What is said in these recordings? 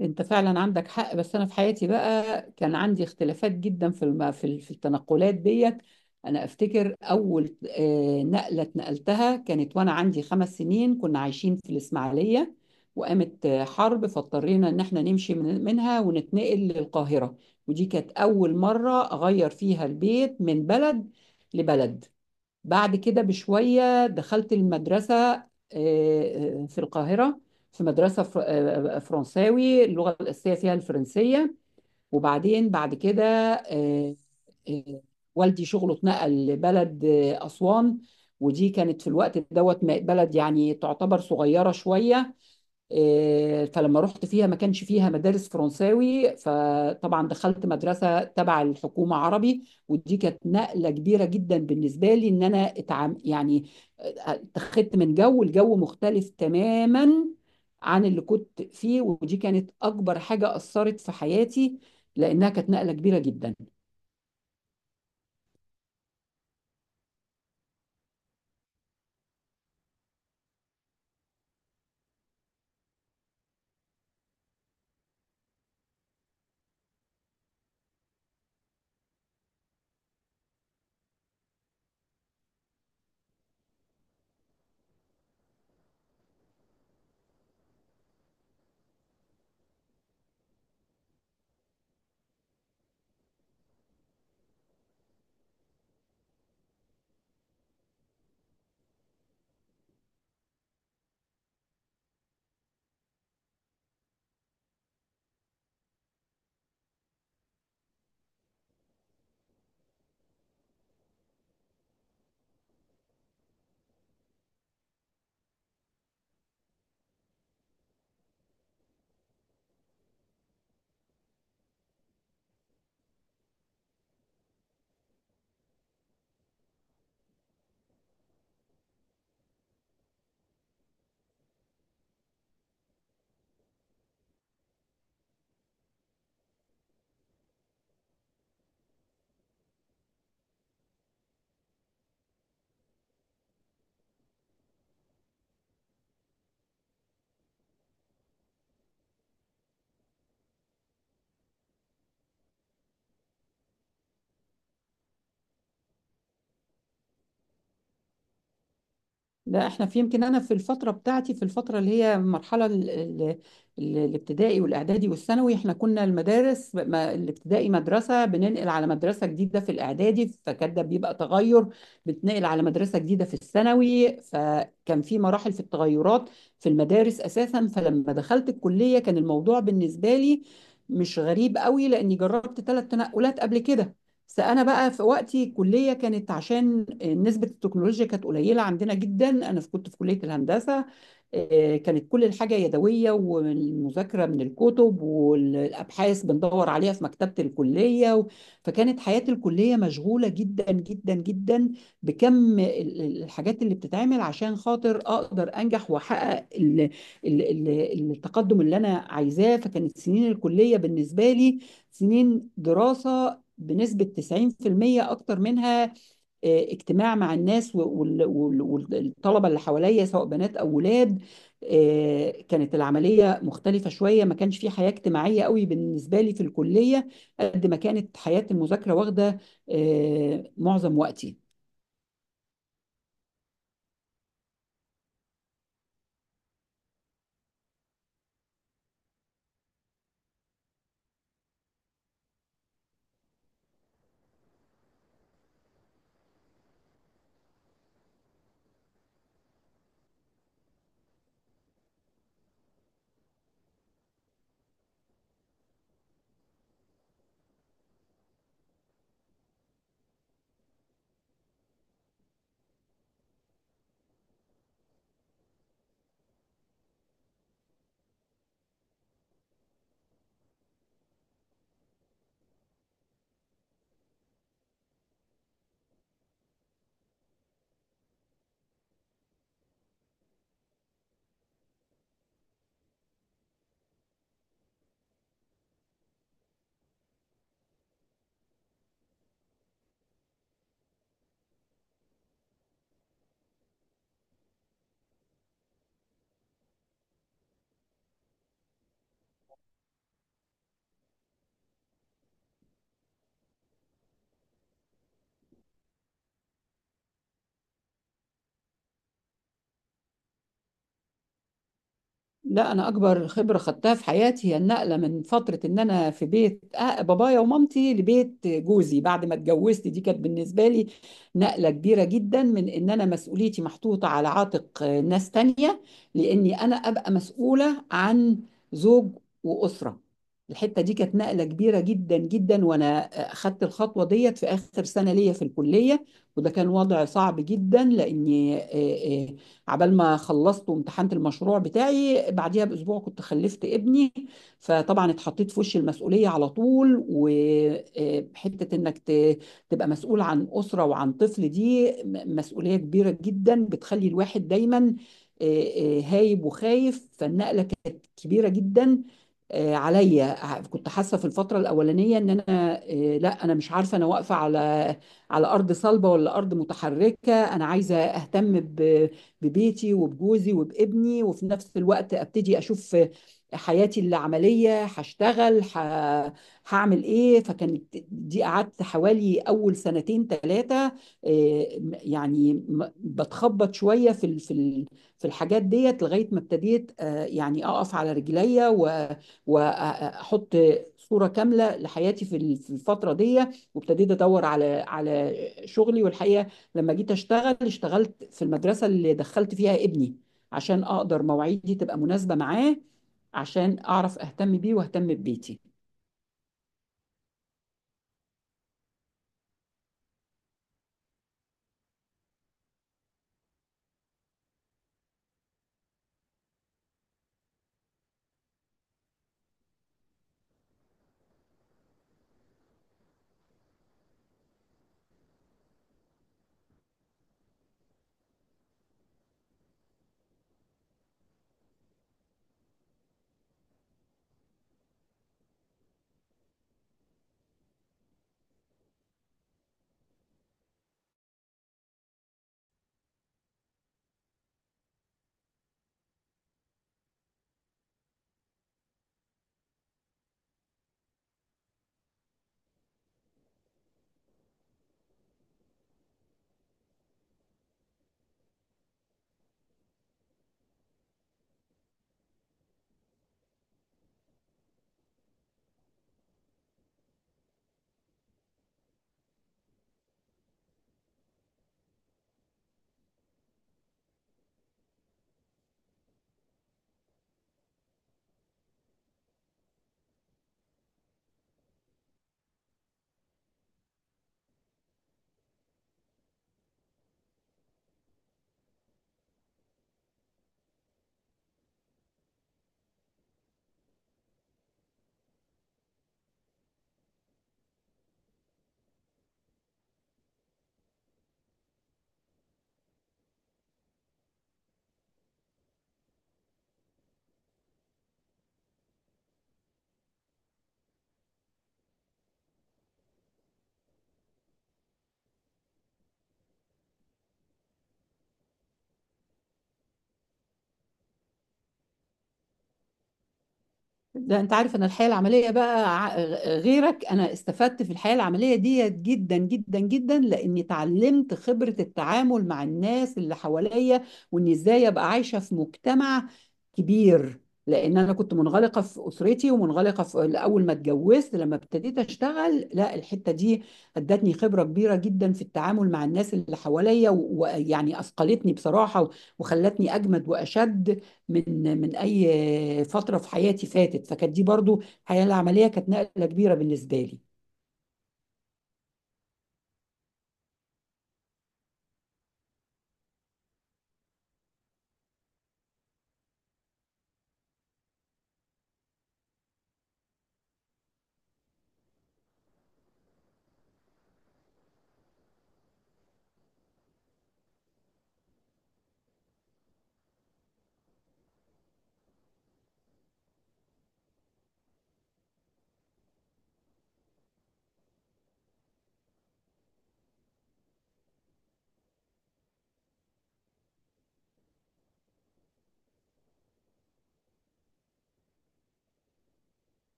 انت فعلا عندك حق، بس انا في حياتي بقى كان عندي اختلافات جدا في الم... في ال- في التنقلات ديت. انا افتكر اول نقله اتنقلتها كانت وانا عندي 5 سنين، كنا عايشين في الاسماعيليه وقامت حرب، فاضطرينا ان احنا نمشي منها ونتنقل للقاهره. ودي كانت اول مره اغير فيها البيت من بلد لبلد. بعد كده بشوية دخلت المدرسة في القاهرة، في مدرسة فرنساوي، اللغة الأساسية فيها الفرنسية. وبعدين بعد كده آه، آه، والدي شغله اتنقل لبلد أسوان. ودي كانت في الوقت دوت بلد يعني تعتبر صغيرة شوية. فلما رحت فيها ما كانش فيها مدارس فرنساوي، فطبعا دخلت مدرسة تبع الحكومة عربي، ودي كانت نقلة كبيرة جدا بالنسبة لي ان انا اتعام يعني اتخذت من الجو مختلف تماما عن اللي كنت فيه. ودي كانت اكبر حاجة اثرت في حياتي لانها كانت نقلة كبيرة جدا. لا، احنا في يمكن انا في الفتره بتاعتي، في الفتره اللي هي المرحله الابتدائي والاعدادي والثانوي، احنا كنا المدارس الابتدائي مدرسه، بننقل على مدرسه جديده في الاعدادي فكان ده بيبقى تغير، بتنقل على مدرسه جديده في الثانوي، فكان في مراحل في التغيرات في المدارس اساسا. فلما دخلت الكليه كان الموضوع بالنسبه لي مش غريب قوي، لاني جربت 3 تنقلات قبل كده. بس انا بقى في وقتي الكليه كانت عشان نسبه التكنولوجيا كانت قليله عندنا جدا، انا كنت في كليه الهندسه. كانت كل الحاجه يدويه، والمذاكره من الكتب والابحاث بندور عليها في مكتبه الكليه فكانت حياه الكليه مشغوله جدا جدا جدا بكم الحاجات اللي بتتعمل عشان خاطر اقدر انجح واحقق التقدم اللي انا عايزاه. فكانت سنين الكليه بالنسبه لي سنين دراسه بنسبة 90% أكتر منها، اجتماع مع الناس والطلبة اللي حواليا سواء بنات أو ولاد. كانت العملية مختلفة شوية، ما كانش في حياة اجتماعية قوي بالنسبة لي في الكلية قد ما كانت حياة المذاكرة واخدة معظم وقتي. لا، انا اكبر خبره خدتها في حياتي هي النقله من فتره ان انا في بيت بابايا ومامتي لبيت جوزي بعد ما اتجوزت. دي كانت بالنسبه لي نقله كبيره جدا من ان انا مسؤوليتي محطوطه على عاتق ناس تانية، لاني انا ابقى مسؤوله عن زوج واسره. الحته دي كانت نقله كبيره جدا جدا، وانا اخدت الخطوه ديت في اخر سنه ليا في الكليه. وده كان وضع صعب جدا لاني عبال ما خلصت وامتحنت المشروع بتاعي بعديها باسبوع كنت خلفت ابني، فطبعا اتحطيت في وش المسؤوليه على طول. وحته انك تبقى مسؤول عن اسره وعن طفل دي مسؤوليه كبيره جدا، بتخلي الواحد دايما آه، هايب وخايف. فالنقله كانت كبيره جدا عليا. كنت حاسه في الفتره الاولانيه ان انا لا، انا مش عارفه انا واقفه على ارض صلبه ولا ارض متحركه. انا عايزه اهتم ببيتي وبجوزي وبابني، وفي نفس الوقت ابتدي اشوف حياتي العمليه، هشتغل هعمل ايه. فكانت دي قعدت حوالي اول سنتين ثلاثه يعني، بتخبط شويه في الحاجات ديت لغايه ما ابتديت يعني اقف على رجليا واحط صوره كامله لحياتي في الفتره دي. وابتديت ادور على شغلي. والحقيقه لما جيت اشتغل، اشتغلت في المدرسة اللي دخلت فيها ابني عشان اقدر مواعيدي تبقى مناسبة معاه، عشان اعرف اهتم بيه واهتم ببيتي. ده انت عارف، انا الحياه العمليه بقى غيرك، انا استفدت في الحياه العمليه ديت جدا جدا جدا، لاني اتعلمت خبره التعامل مع الناس اللي حواليا، واني ازاي ابقى عايشه في مجتمع كبير. لان انا كنت منغلقه في اسرتي، ومنغلقه في اول ما اتجوزت، لما ابتديت اشتغل، لا، الحته دي ادتني خبره كبيره جدا في التعامل مع الناس اللي حواليا ويعني اثقلتني بصراحه، وخلتني اجمد واشد من اي فتره في حياتي فاتت. فكانت دي برضو، الحياه العمليه كانت نقله كبيره بالنسبه لي.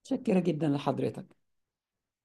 متشكره جدا لحضرتك.